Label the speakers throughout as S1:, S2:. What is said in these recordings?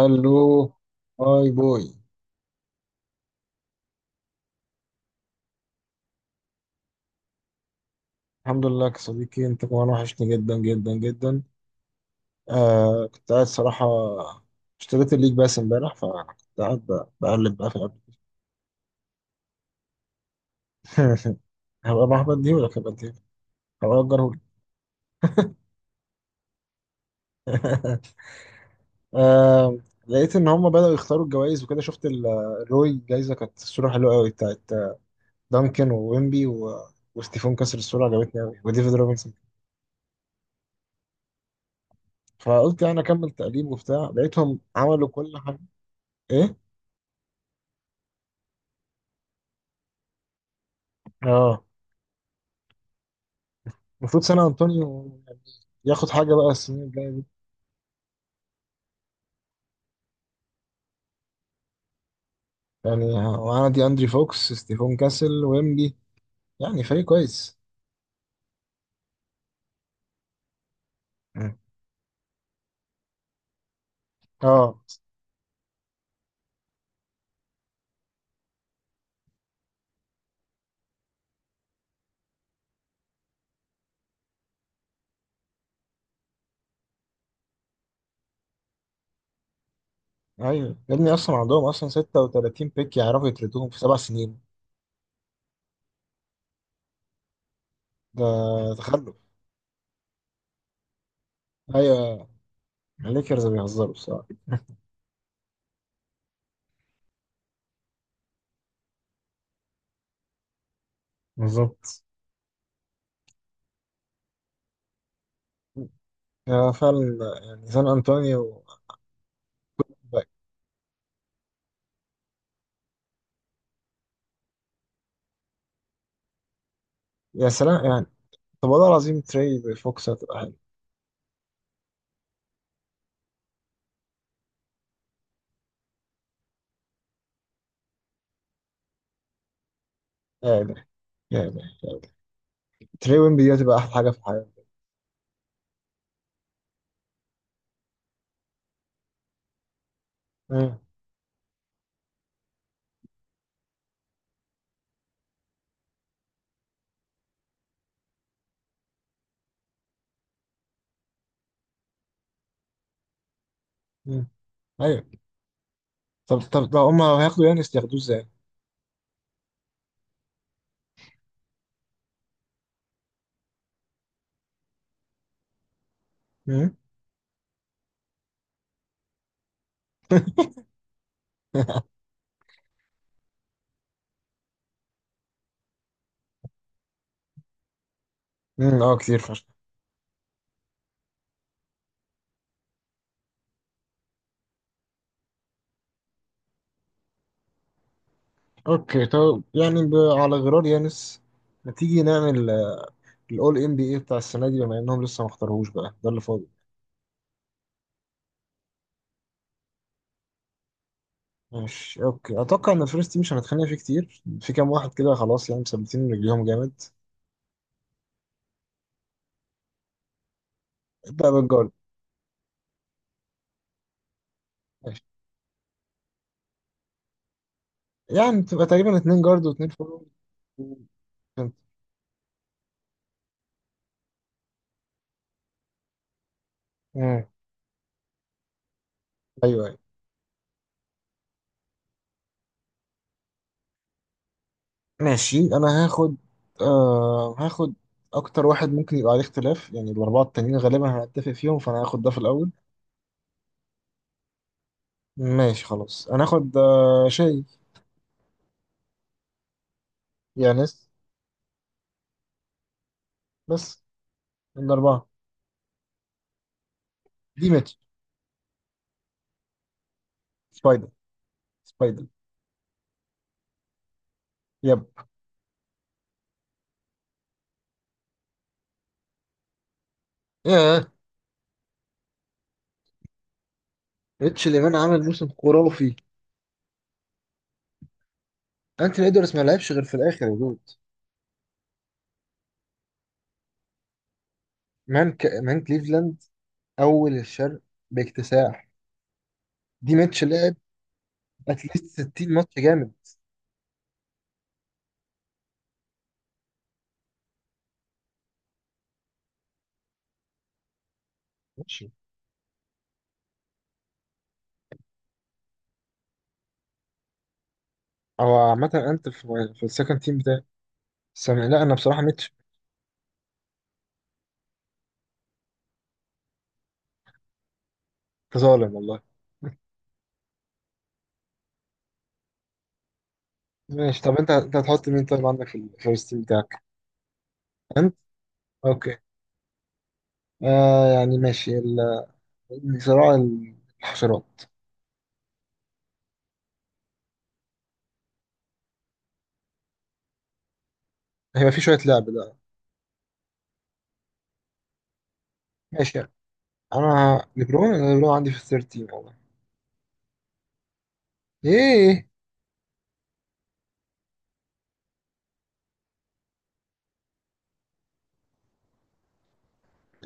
S1: الو. هاي بوي. الحمد لله يا صديقي، انت كمان وحشني جدا جدا جدا. آه، كنت قاعد صراحة. اشتريت الليج باس امبارح، فكنت قاعد بقلب بقى في الاب. هبقى محبط دي ولا هبقى دي؟ هبقى اجره لي. آه، لقيت ان هم بدأوا يختاروا الجوائز وكده، شفت الروي، الجايزة كانت الصورة حلوة قوي بتاعت دانكن وويمبي وستيفون كسر، الصورة عجبتني قوي، وديفيد روبنسون. فقلت يعني اكمل تقليب وبتاع، لقيتهم عملوا كل حاجة. ايه اه. المفروض سان أنطونيو يعني ياخد حاجة بقى السنين الجاية دي. يعني وأنا دي أندري فوكس، ستيفون كاسل، ويمبي، يعني فريق كويس. مم. اه. ايوه يا ابني، اصلا عندهم اصلا 36 بيك يعرفوا يتردوهم في 7 سنين. ده تخلف. ايوه. الليكرز بيهزروا بصراحه. بالظبط. يا فعلا، يعني سان انطونيو. باك. يا سلام يعني. طب والله العظيم، تري فوكس هتبقى حلو. يعني يعني تري ويمبي دي هتبقى احلى حاجه في الحياه. مم. مم. ايوه. طب طب لو هما هياخدوا يانس، ياخدوه ازاي؟ مم؟ مم، اه كتير فشخ. اوكي، طب يعني على غرار يانس، ما تيجي نعمل الاول ام بي اي بتاع السنه دي، بما انهم لسه ما اختاروهوش بقى، ده اللي فاضل. ماشي. اوكي، اتوقع ان الفيرست تيم مش هنتخانق فيه كتير، في كام واحد كده خلاص يعني مثبتين رجليهم جامد. ابدا بالجارد. ماشي. يعني تبقى تقريبا اتنين جارد واتنين فورورد. و- مم. ايوه أيوه. ماشي انا هاخد. آه، هاخد اكتر واحد ممكن يبقى عليه اختلاف، يعني الاربعه التانيين غالبا هنتفق فيهم، فانا هاخد ده في الاول. ماشي خلاص، انا هاخد. آه شاي. يانس. بس من الاربعه. دي ماتش. سبايدر سبايدر. يب. ياه. ريتش ليمان عمل موسم خرافي. انتوني ادوارز ما لعبش غير في الاخر يا دود. مان كليفلاند، اول الشرق، باكتساح. دي ماتش لعب اتليست 60 ماتش جامد. ماشي. او عامه، انت في السكند تيم. سامي، لا انا بصراحه ميتش. ظالم والله. ماشي، طب انت هتحط مين طيب عندك في الفيرست تيم بتاعك؟ انت. اوكي. آه يعني ماشي صراع الحشرات. هيبقى في شويه لعب ده. ماشي. انا ليبرون أنا ليبرون عندي في الثيرد تيم والله. ايه.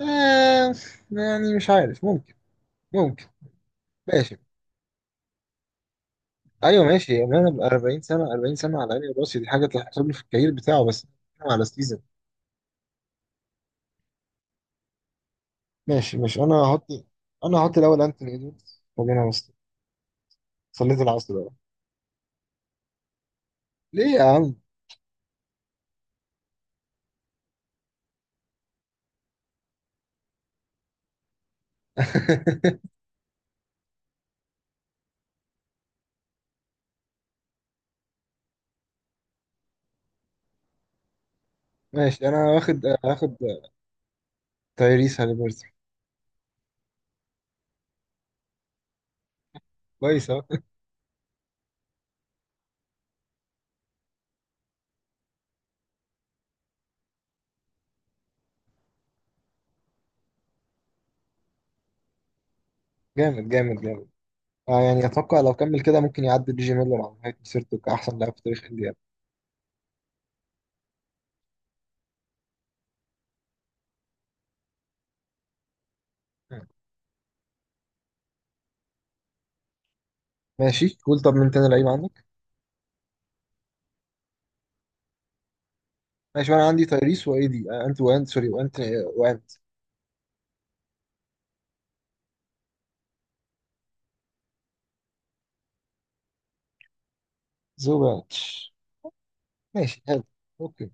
S1: آه يعني مش عارف، ممكن. ممكن. ماشي. ايوه ماشي، يعني انا 40 سنه، 40 سنه على عيني وراسي، دي حاجه تحسب لي في الكارير بتاعه، بس بتكلم على السيزون. ماشي ماشي. انا هحط الاول انتوني ادوردز، خلينا بس. صليت العصر بقى. ليه يا عم؟ ماشي انا واخد، هاخد تايريس هاليبرتون. كويس اهو. جامد جامد جامد. آه يعني اتوقع لو كمل كده، ممكن يعدي دي جي ميلر على نهايه مسيرته كاحسن لاعب في تاريخ انديانا. ماشي، قول طب من تاني لعيب عندك. ماشي، وانا عندي تايريس وايدي. انت وانت سوري، وانت. وانت زوباتش. ماشي حلو. اوكي.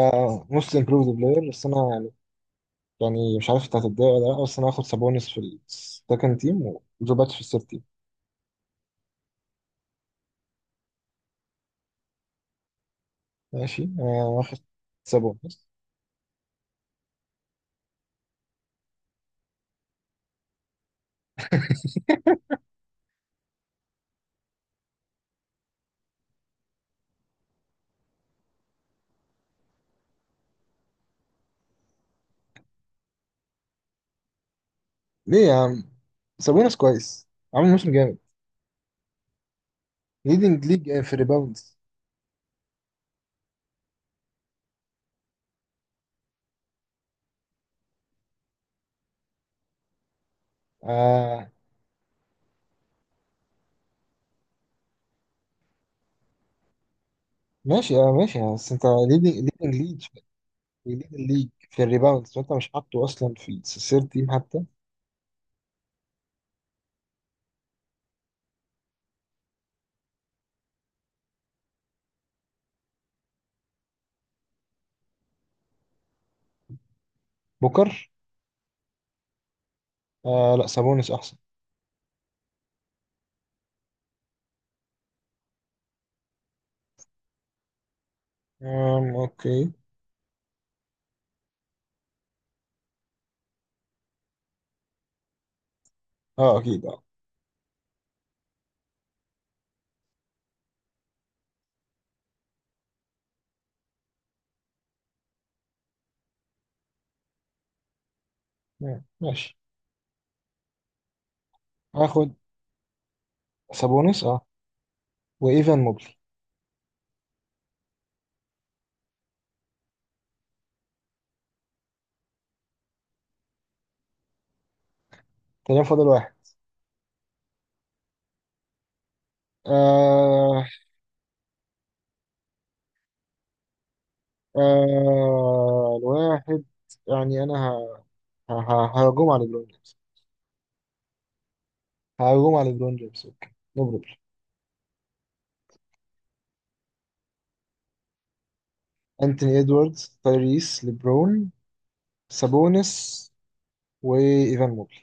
S1: آه، موست امبروفد بلاير، بس انا يعني مش عارف انت هتتضايق ولا لا، بس انا هاخد سابونس في السكند تيم، وزوباتش في الثيرد تيم. ماشي آه، واخد سابونس. ليه يا عم؟ سابونس كويس، عامل موسم جامد، ليدنج ليج في الريباوندز. آه ماشي، اه ماشي، بس انت ليدنج ليج، ليدنج ليج في الريباوندز، وانت مش حاطه اصلا في سير تيم حتى. بوكر. آه لا، سابونس احسن. آم اوكي. اه اكيد اه. مم، ماشي. هاخد سابونس اه. وايفان موبلي. تمام، فاضل واحد. آه الواحد. يعني انا ههجوم على ليبرون جيمس. ههجوم على ليبرون جيمس، اوكي. نبرد. انتوني ادواردز، تايريس، ليبرون، سابونس، وايفان موبلي.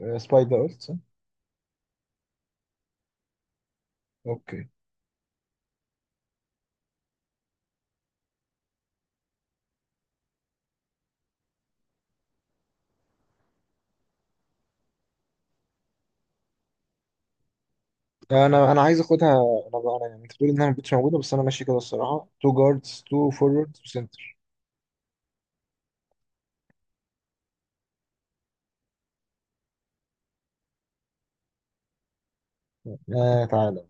S1: سباي ده قلت صح؟ اوكي. انا عايز اخدها. انا بقى انا يعني، انت بتقول انها ما كنتش موجوده، بس انا ماشي كده الصراحه، تو جاردز تو فوروردز وسنتر. آه تعالى.